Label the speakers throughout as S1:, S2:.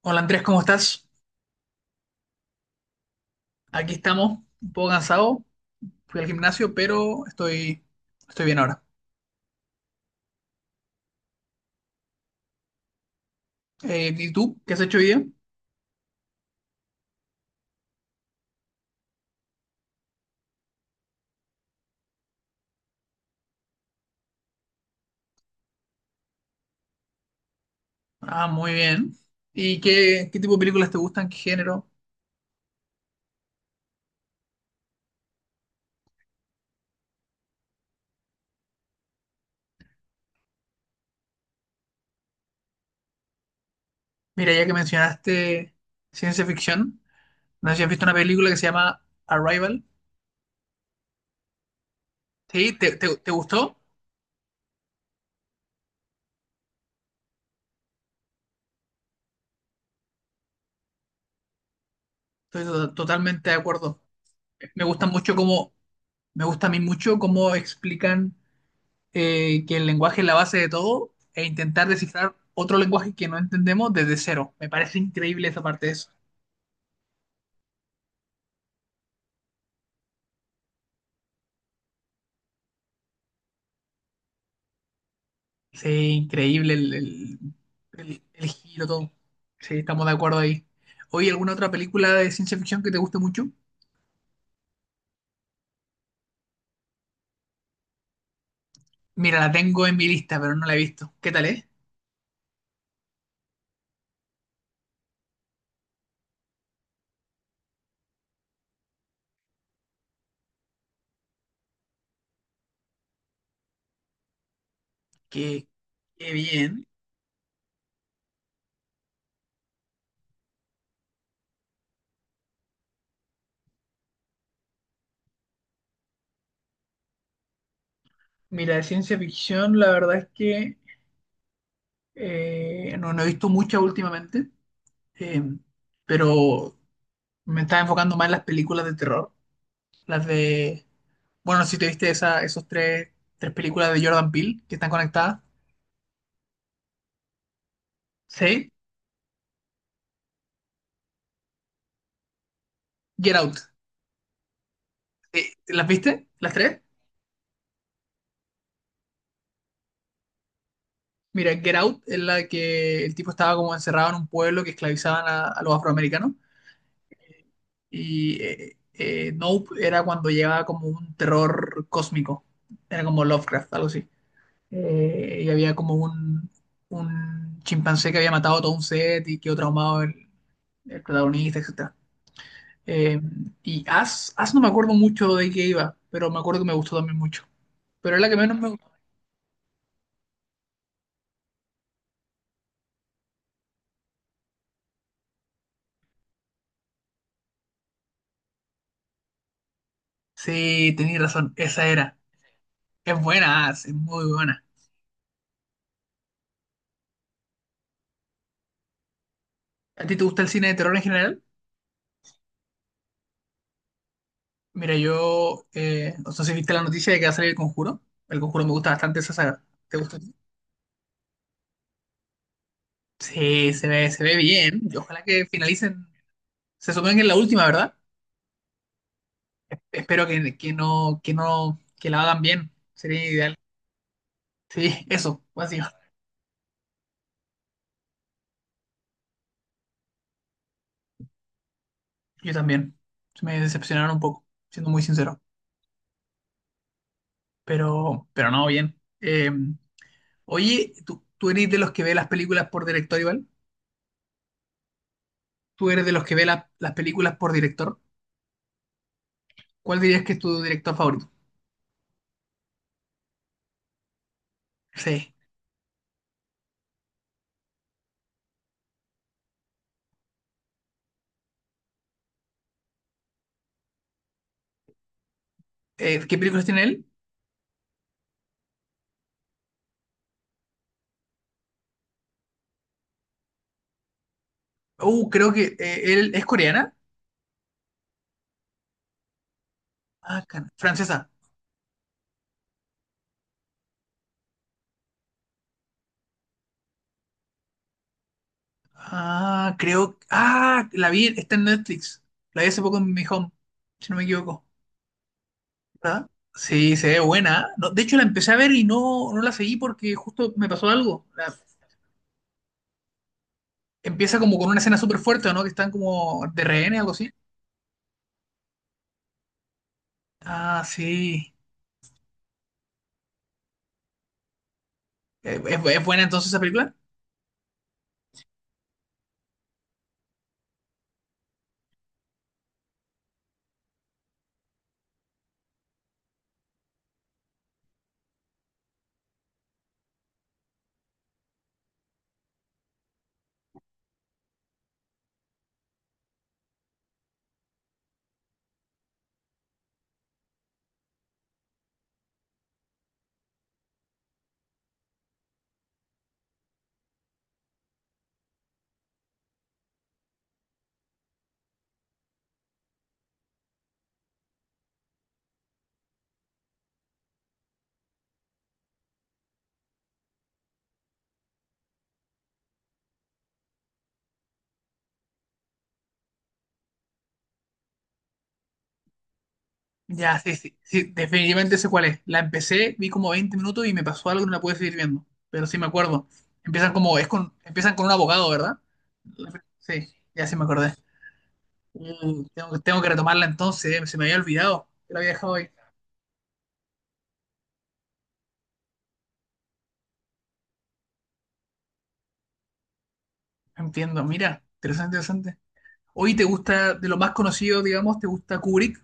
S1: Hola Andrés, ¿cómo estás? Aquí estamos, un poco cansado, fui al gimnasio, pero estoy bien ahora. ¿Y tú? ¿Qué has hecho hoy día? Ah, muy bien. ¿Y qué tipo de películas te gustan? ¿Qué género? Mira, ya que mencionaste ciencia ficción, no sé si has visto una película que se llama Arrival. ¿Sí? ¿Te gustó? Estoy totalmente de acuerdo. Me gusta mucho cómo, Me gusta a mí mucho cómo explican que el lenguaje es la base de todo e intentar descifrar otro lenguaje que no entendemos desde cero. Me parece increíble esa parte de eso. Sí, increíble el giro, todo. Sí, estamos de acuerdo ahí. Oye, ¿alguna otra película de ciencia ficción que te guste mucho? Mira, la tengo en mi lista, pero no la he visto. ¿Qué tal es? Qué, qué bien. Mira, de ciencia ficción, la verdad es que no he visto mucha últimamente, eh, pero me estaba enfocando más en las películas de terror. Las de. Bueno, si te viste esa, tres películas de Jordan Peele que están conectadas. Sí, Get Out. ¿Las viste? ¿Las tres? Mira, Get Out es la que el tipo estaba como encerrado en un pueblo que esclavizaban a los afroamericanos. Y Nope era cuando llegaba como un terror cósmico. Era como Lovecraft, algo así. Y había como un chimpancé que había matado a todo un set y quedó traumado el protagonista, etc. Eh, y As no me acuerdo mucho de qué iba, pero me acuerdo que me gustó también mucho. Pero es la que menos me gustó. Sí, tenías razón, esa era. Es buena As, es muy buena. ¿A ti te gusta el cine de terror en general? Mira, no sé si viste la noticia de que va a salir El Conjuro. El Conjuro me gusta bastante esa saga. ¿Te gusta? Sí, se ve bien. Y ojalá que finalicen. Se supone que es la última, ¿verdad? Espero que no, que la hagan bien. Sería ideal. Sí, eso, así. Yo también. Me decepcionaron un poco, siendo muy sincero. Pero no, bien. Oye, ¿tú eres de los que ve las películas por director igual? ¿Tú eres de los que ve las películas por director? ¿Cuál dirías que es tu director favorito? Sí. ¿Qué películas tiene él? Creo que él es coreana. Ah, francesa. Ah, creo. Ah, la vi, está en Netflix. La vi hace poco en mi home, si no me equivoco. ¿Ah? Sí, se ve buena. No, de hecho, la empecé a ver y no la seguí porque justo me pasó algo. Empieza como con una escena súper fuerte, ¿o ¿no? Que están como de rehenes, algo así. Ah, sí. Es buena entonces esa película? Ya, sí, sí, sí, definitivamente sé cuál es. La empecé, vi como 20 minutos y me pasó algo y no la pude seguir viendo. Pero sí me acuerdo. Empiezan con un abogado, ¿verdad? Sí, ya sí me acordé. Tengo que retomarla entonces, se me había olvidado. Que la había dejado ahí. Entiendo, mira, interesante, interesante. Oye, ¿te gusta de lo más conocido, digamos, te gusta Kubrick?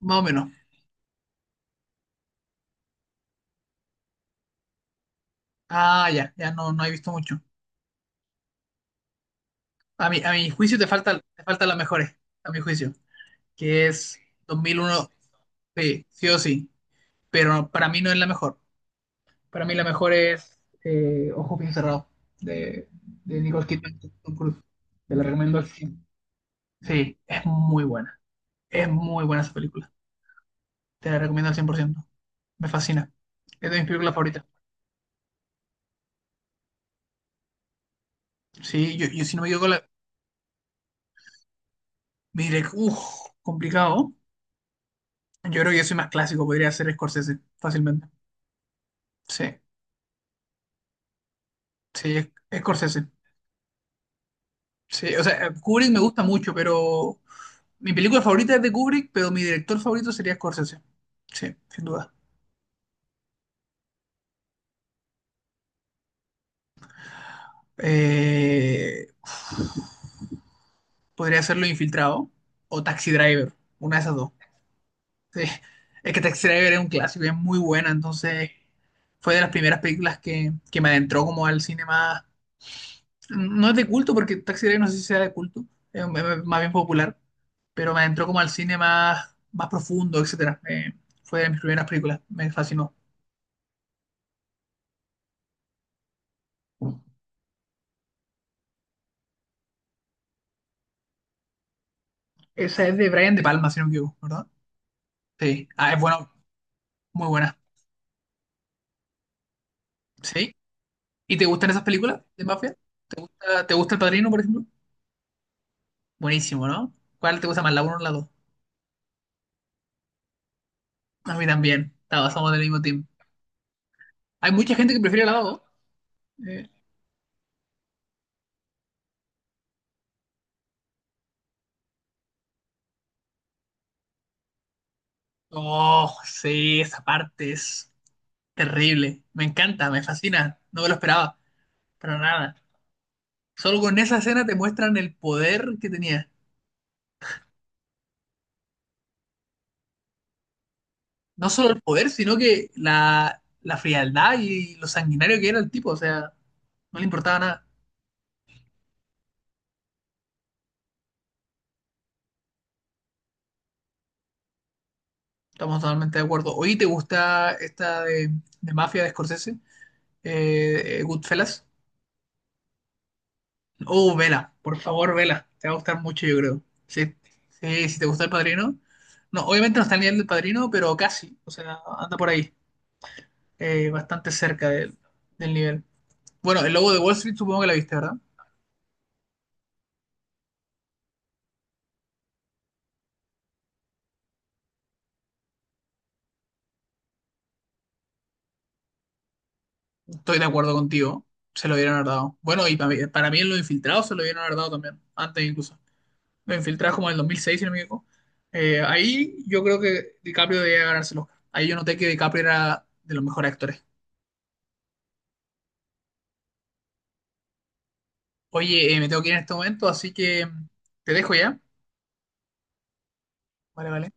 S1: Más o menos. Ah, ya no, no he visto mucho. A mi juicio te falta, te faltan las mejores, a mi juicio, que es 2001, sí, sí o sí, pero para mí no es la mejor. Para mí la mejor es Ojos bien cerrados, de, de Nicole Kidman y Tom Cruise. Te la recomiendo al 100. Sí, es muy buena. Es muy buena esa película. Te la recomiendo al 100%. Me fascina. Es de mis películas favoritas. Sí, yo si no me equivoco. Mire, uff, complicado. Yo creo que yo soy más clásico, podría ser Scorsese, fácilmente. Sí, sí, es- Scorsese. Sí, o sea, Kubrick me gusta mucho, pero mi película favorita es de Kubrick, pero mi director favorito sería Scorsese. Sí, sin duda. Eh, Podría ser Lo Infiltrado o Taxi Driver, una de esas dos. Sí, es que Taxi Driver es un clásico, y es muy buena, entonces fue de las primeras películas que me adentró como al cine más. No es de culto porque Taxi Driver no sé si sea de culto, es más bien popular, pero me entró como al cine más profundo, etcétera. Fue de mis primeras películas, me fascinó. Esa es de Brian De Palma, si no me equivoco, ¿verdad? Sí. Ah, es bueno, muy buena. Sí. ¿Y te gustan esas películas de mafia? Ah, ¿te gusta El Padrino, por ejemplo? Buenísimo, ¿no? ¿Cuál te gusta más, la uno o la dos? A mí también. Estaba, somos del mismo team. Hay mucha gente que prefiere la dos, ¿no? Oh, sí, esa parte es terrible. Me encanta, me fascina. No me lo esperaba. Para nada. Solo con esa escena te muestran el poder que tenía. No solo el poder, sino que la frialdad y lo sanguinario que era el tipo. O sea, no le importaba nada. Estamos totalmente de acuerdo. Oye, ¿te gusta esta de Mafia de Scorsese? Goodfellas. Oh, vela. Por favor, vela. Te va a gustar mucho, yo creo. Sí, sí, si te gusta El Padrino. No, obviamente no está al nivel del Padrino, pero casi. O sea, anda por ahí. Bastante cerca del, del nivel. Bueno, el lobo de Wall Street supongo que la viste, ¿verdad? Estoy de acuerdo contigo. Se lo dieron haber dado. Bueno, y para mí en los infiltrados se lo dieron haber dado también. Antes incluso. Los infiltrados como en el 2006, si no me equivoco. Ahí yo creo que DiCaprio debía ganarse el Oscar. Ahí yo noté que DiCaprio era de los mejores actores. Oye, me tengo que ir en este momento, así que te dejo ya. Vale, vale.